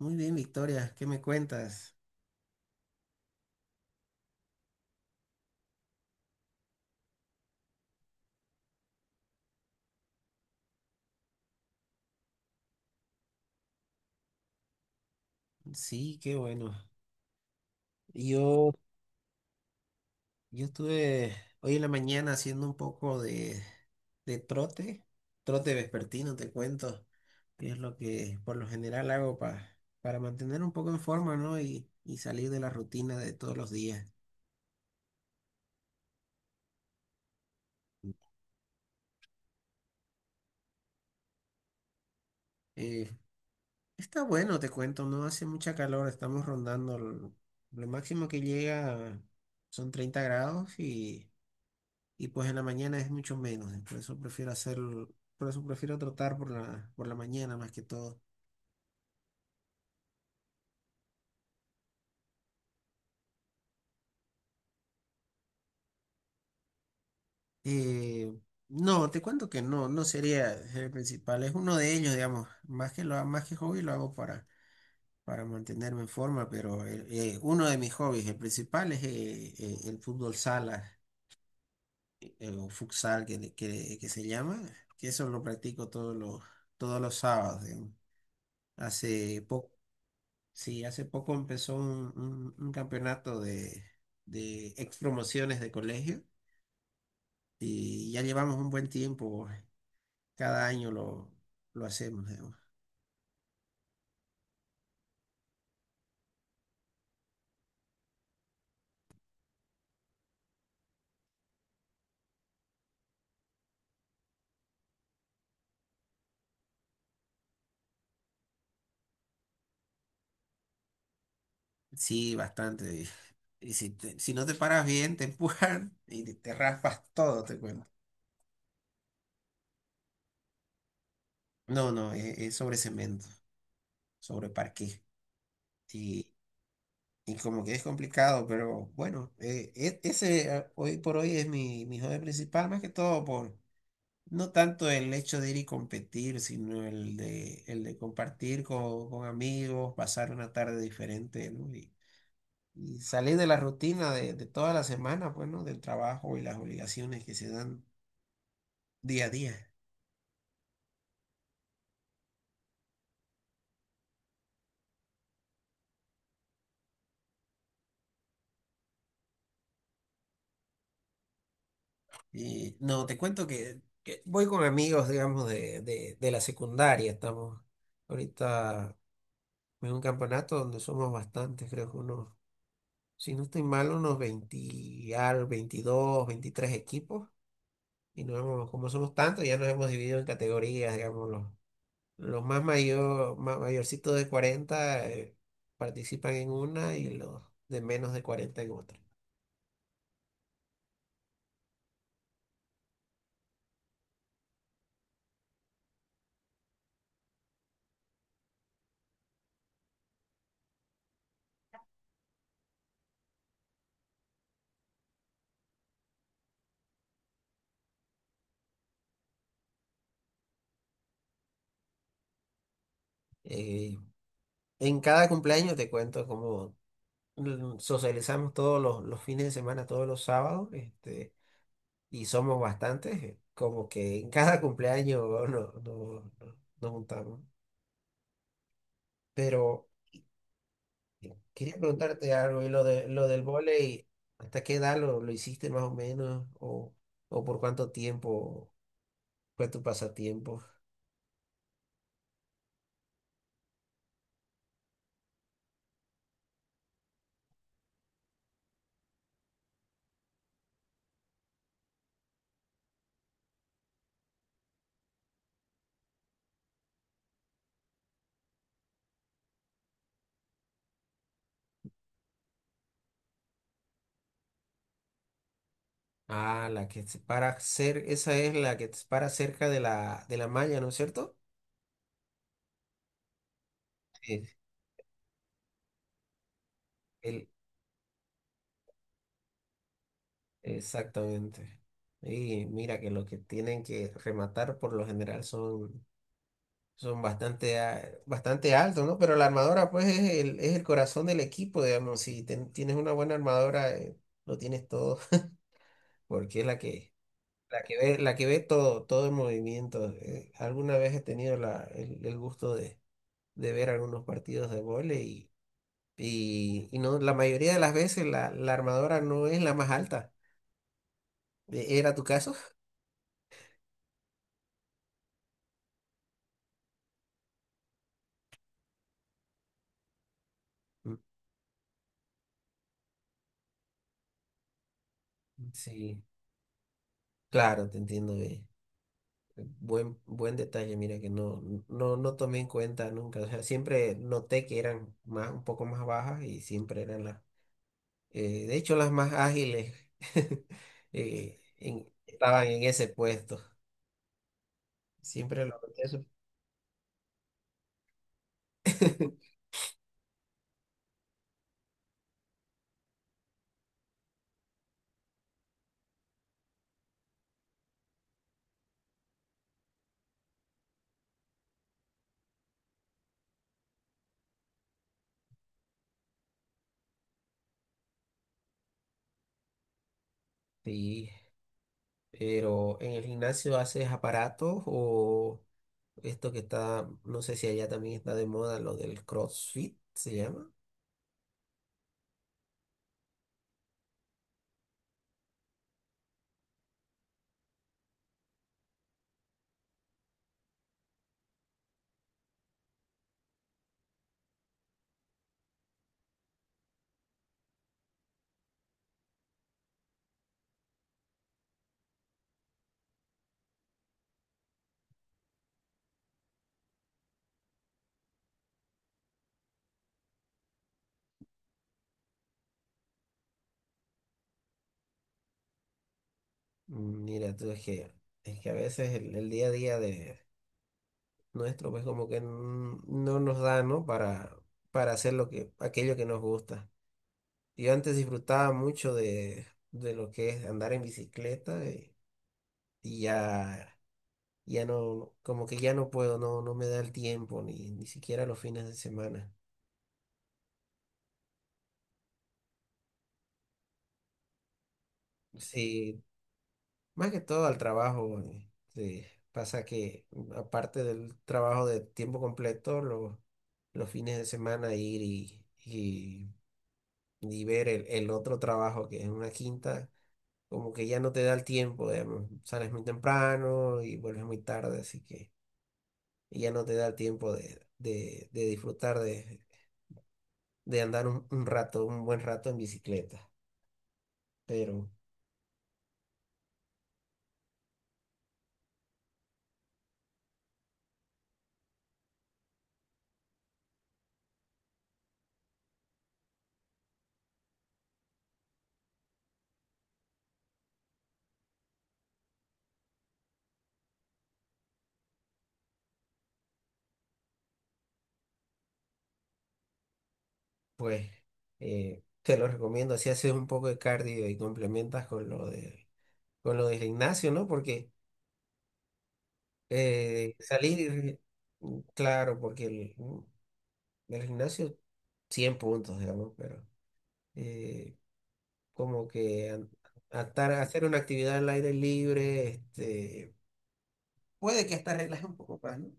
Muy bien, Victoria, ¿qué me cuentas? Sí, qué bueno. Yo, yo estuve hoy en la mañana haciendo un poco de trote, trote vespertino, te cuento, que es lo que por lo general hago para mantener un poco en forma, ¿no? Y salir de la rutina de todos los días. Eh, Está bueno, te cuento, no hace mucha calor, estamos rondando, lo máximo que llega son 30 grados. Y... Y pues en la mañana es mucho menos, por eso prefiero hacerlo, por eso prefiero trotar por la mañana más que todo. Eh, no, te cuento que no, no sería el principal, es uno de ellos, digamos, más que hobby lo hago para mantenerme en forma, pero uno de mis hobbies, el principal es el fútbol sala, o futsal que se llama, que eso lo practico todos los sábados, digamos. Hace poco. Sí, hace poco empezó un campeonato de ex promociones de colegio y ya llevamos un buen tiempo. Cada año lo hacemos, digamos. Sí, bastante. Y si no te paras bien, te empujan y te raspas todo, te cuento. No, no, es sobre cemento, sobre parqué. Y, y como que es complicado, pero bueno, e- ese hoy por hoy es mi hobby principal, más que todo por... No tanto el hecho de ir y competir, sino el de compartir con amigos, pasar una tarde diferente, ¿no? Y salir de la rutina de toda la semana, pues, ¿no? Del trabajo y las obligaciones que se dan día a día. Y no, te cuento que voy con amigos, digamos, de la secundaria. Estamos ahorita en un campeonato donde somos bastantes, creo que unos, si no estoy mal, unos 20, 22 23 equipos. Como somos tantos, ya nos hemos dividido en categorías, digamos, los más mayor, mayorcitos de 40, participan en una y los de menos de 40 en otra. Eh, en cada cumpleaños te cuento cómo socializamos todos los fines de semana, todos los sábados, y somos bastantes, como que en cada cumpleaños nos juntamos. Pero quería preguntarte algo, y lo del vóley, ¿hasta qué edad lo hiciste más o menos? ¿O por cuánto tiempo fue tu pasatiempo? Ah, la que se para ser, esa es la que te para cerca de la malla, ¿no es cierto? Sí, el, exactamente. Y mira que lo que tienen que rematar por lo general son, son bastante, bastante altos, ¿no? Pero la armadora pues es el corazón del equipo, digamos. Si tienes una buena armadora, lo tienes todo, porque es la que ve todo, el movimiento. Alguna vez he tenido el gusto de ver algunos partidos de vóley. Y, y no, la mayoría de las veces la armadora no es la más alta. ¿Era tu caso? Mm, sí, claro, te entiendo bien. Buen detalle, mira que no, no, no tomé en cuenta nunca. O sea, siempre noté que eran más, un poco más bajas y siempre eran las... De hecho, las más ágiles estaban en ese puesto. Siempre lo noté eso. Sí, pero en el gimnasio haces aparatos o esto que está, no sé si allá también está de moda, lo del CrossFit, ¿se llama? Mm, mira, tú es que a veces el día a día de nuestro, pues como que no nos da, ¿no? Para hacer aquello que nos gusta. Yo antes disfrutaba mucho de lo que es andar en bicicleta, y ya no, como que ya no puedo, no, no me da el tiempo, ni siquiera los fines de semana. Sí, más que todo al trabajo. Sí, pasa que aparte del trabajo de tiempo completo, los fines de semana ir y ver el otro trabajo que es una quinta, como que ya no te da el tiempo, digamos. Sales muy temprano y vuelves muy tarde, así que y ya no te da tiempo de disfrutar de andar un rato, un buen rato en bicicleta. Pero pues te lo recomiendo, así haces un poco de cardio y complementas con lo del gimnasio, ¿no? Porque eh, salir, claro, porque el gimnasio 100 puntos, digamos, pero eh, como que hacer una actividad al aire libre, puede que hasta relaje un poco más, ¿no?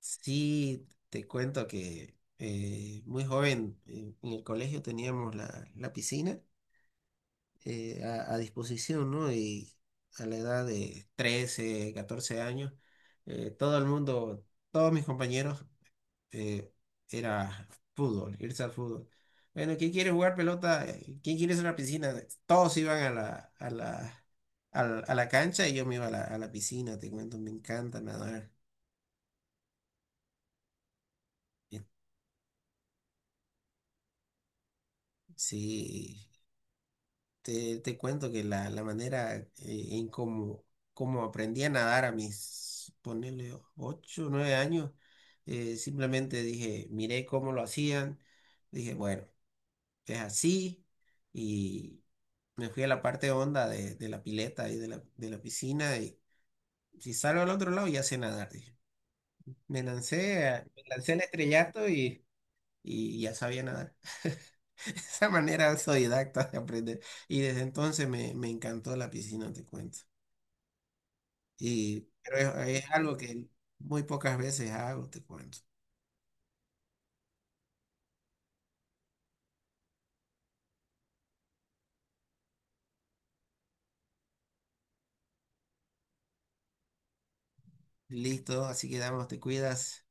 Sí, te cuento que muy joven, en el colegio teníamos la piscina, a disposición, ¿no? Y a la edad de 13, 14 años, todo el mundo, todos mis compañeros, eh, era fútbol, irse al fútbol. Bueno, ¿quién quiere jugar pelota? ¿Quién quiere irse a la piscina? Todos iban a la cancha y yo me iba a la piscina, te cuento, me encanta nadar. Eh, Sí. Te cuento que la manera en cómo, cómo aprendí a nadar ponerle 8 9 años, simplemente dije, miré cómo lo hacían, dije, bueno, es así, y me fui a la parte honda de la pileta y de la piscina, y si salgo al otro lado ya sé nadar, dije. Me lancé, me lancé al estrellato y ya sabía nadar. Esa manera autodidacta de aprender. Y desde entonces me encantó la piscina, te cuento. Y pero es algo que muy pocas veces hago, te cuento. Listo, así que damos, te cuidas.